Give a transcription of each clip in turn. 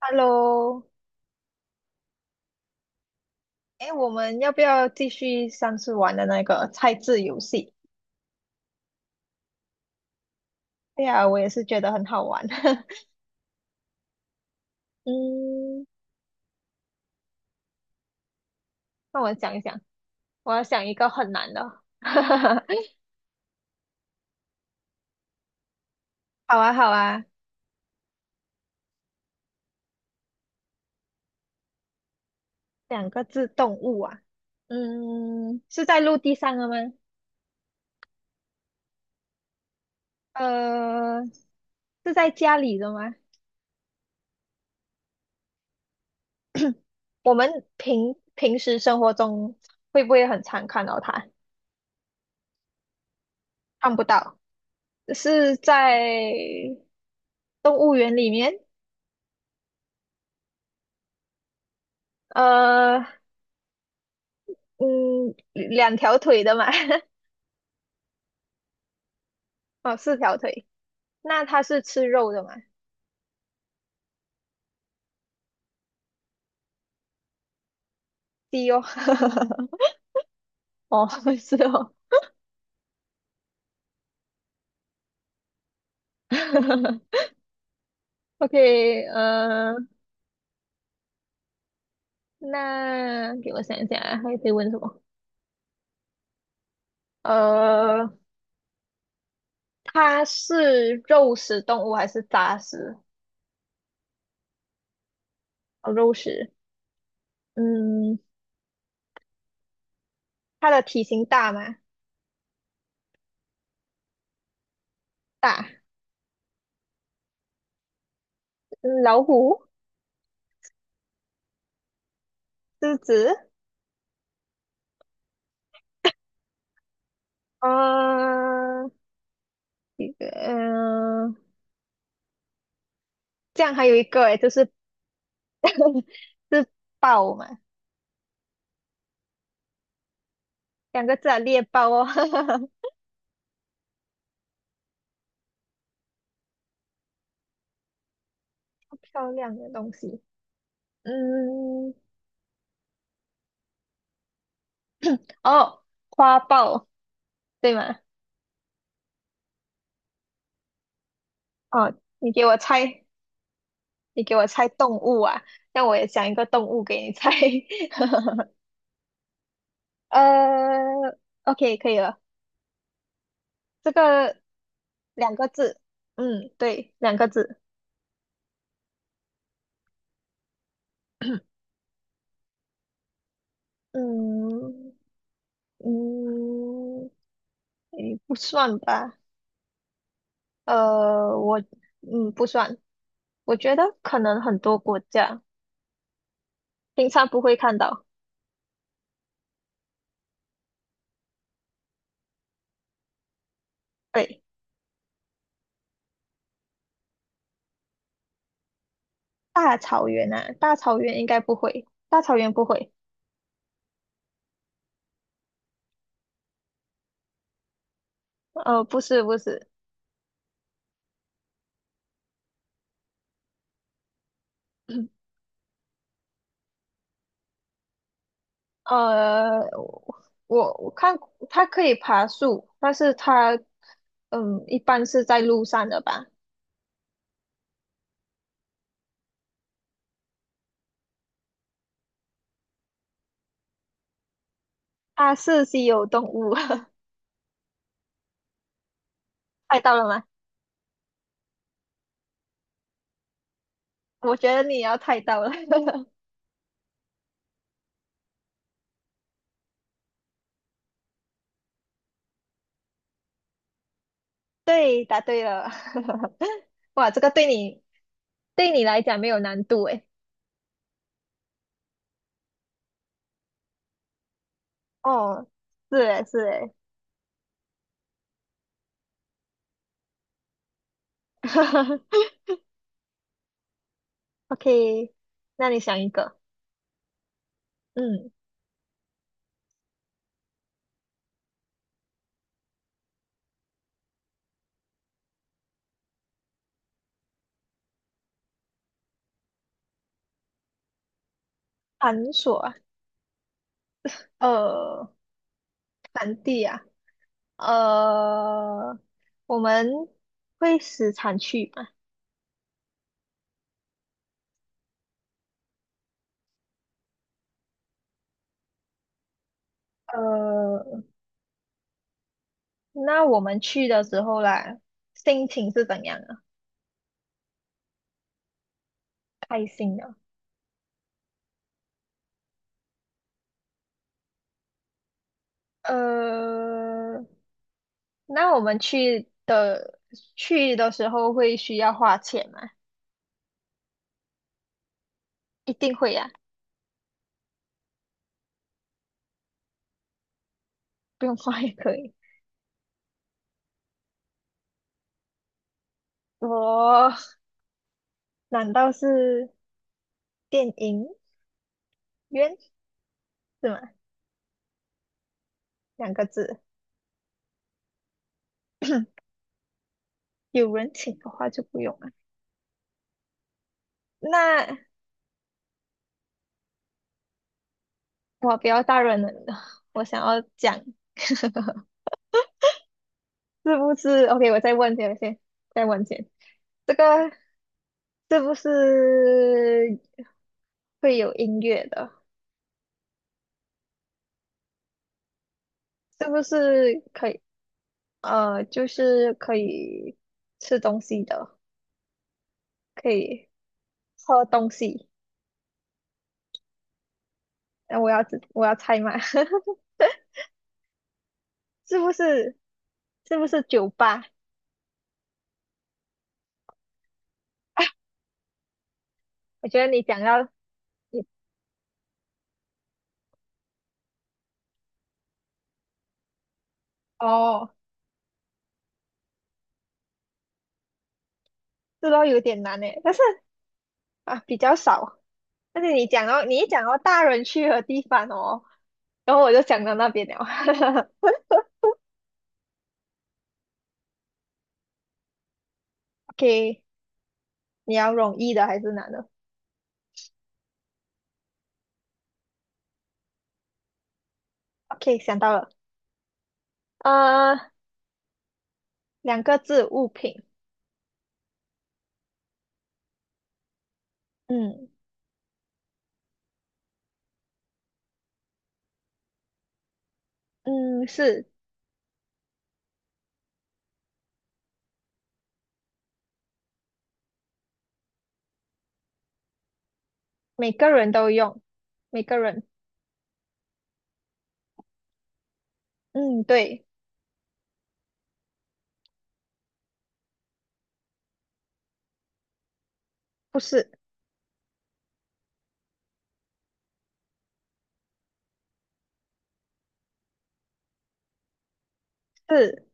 Hello，哎，我们要不要继续上次玩的那个猜字游戏？对呀，我也是觉得很好玩。嗯，那我想一想，我要想一个很难的。好啊，好啊，两个字动物啊。嗯，是在陆地上的吗？呃，是在家里的吗？我们平时生活中会不会很常看到它？看不到，是在动物园里面。呃，嗯，两条腿的嘛？哦，四条腿。那它是吃肉的嘛？鸡哦，哦，是哦。OK，呃，那给我想一想啊，还可以问什么？呃，它是肉食动物还是杂食？哦，肉食。嗯，它的体型大吗？大。嗯，老虎、狮子，啊，一个，嗯、这样还有一个诶，就是 是豹嘛？两个字啊，猎豹哦，漂亮的东西。嗯，哦，花豹对吗？哦，你给我猜，你给我猜动物啊，那我也想一个动物给你猜。呃，OK，可以了，这个两个字，嗯，对，两个字，嗯嗯，诶，不算吧？呃，我不算，我觉得可能很多国家平常不会看到，对。大草原啊，大草原应该不会，大草原不会，呃，不是不是，呃，我看它可以爬树，但是它，嗯，一般是在路上的吧，它是稀有动物，猜到了吗？我觉得你也要猜到了，对，答对了，哇，这个对你对你来讲没有难度诶，哦，是诶是诶 ，OK，那你想一个，嗯，繁琐。呃，产地啊，呃，我们会时常去吗？呃，那我们去的时候啦，心情是怎样啊？开心的。呃，那我们去的去的时候会需要花钱吗？一定会呀、不用花也可以。我难道是电影院是吗？两个字，有人请的话就不用了。那我不要大人了，我想要讲，是不是？OK，我再问先，先再问先，这个是不是会有音乐的？是不是可以？就是可以吃东西的，可以喝东西。那我要知我要猜嘛，是不是？是不是酒吧？我觉得你讲到你哦，这都有点难诶，但是啊比较少。但是你讲到你一讲到大人去的地方哦。然后我就想到那边了。OK，你要容易的还是难的？OK，想到了，呃，两个字物品，嗯嗯，是每个人都用，每个人，嗯，对，不是，是，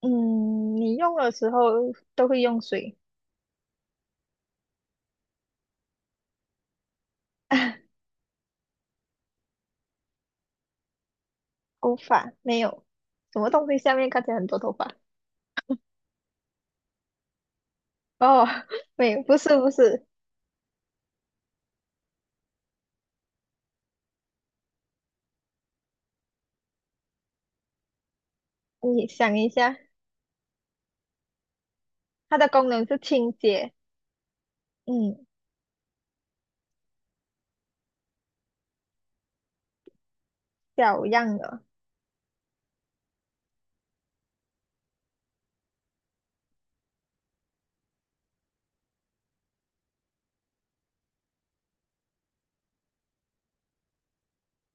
嗯，你用的时候都会用水，头发没有，什么东西下面看起来很多头发？哦，没有，不是不是，你想一下，它的功能是清洁，嗯，小样的，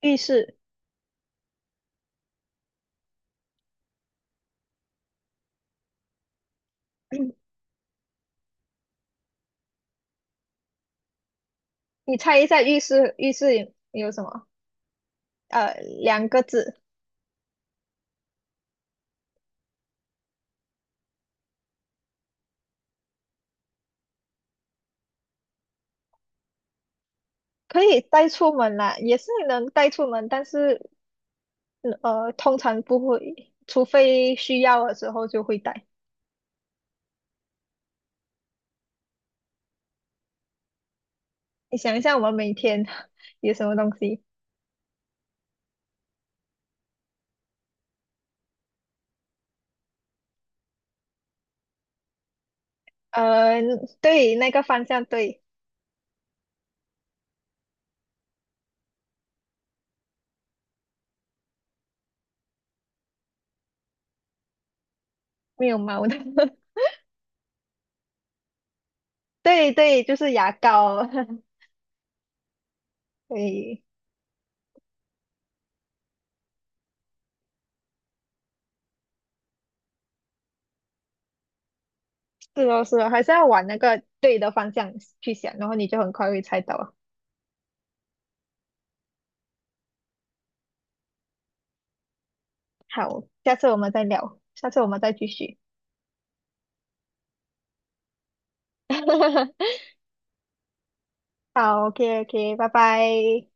浴室。你猜一下浴室有什么？呃，两个字，可以带出门啦，也是能带出门，但是通常不会，除非需要的时候就会带。你想一下，我们每天 有什么东西？呃，对，那个方向对，没有毛的，对对，就是牙膏。对，是哦是哦，还是要往那个对的方向去想，然后你就很快会猜到。好，下次我们再聊，下次我们再继续。好，OK，OK，拜拜。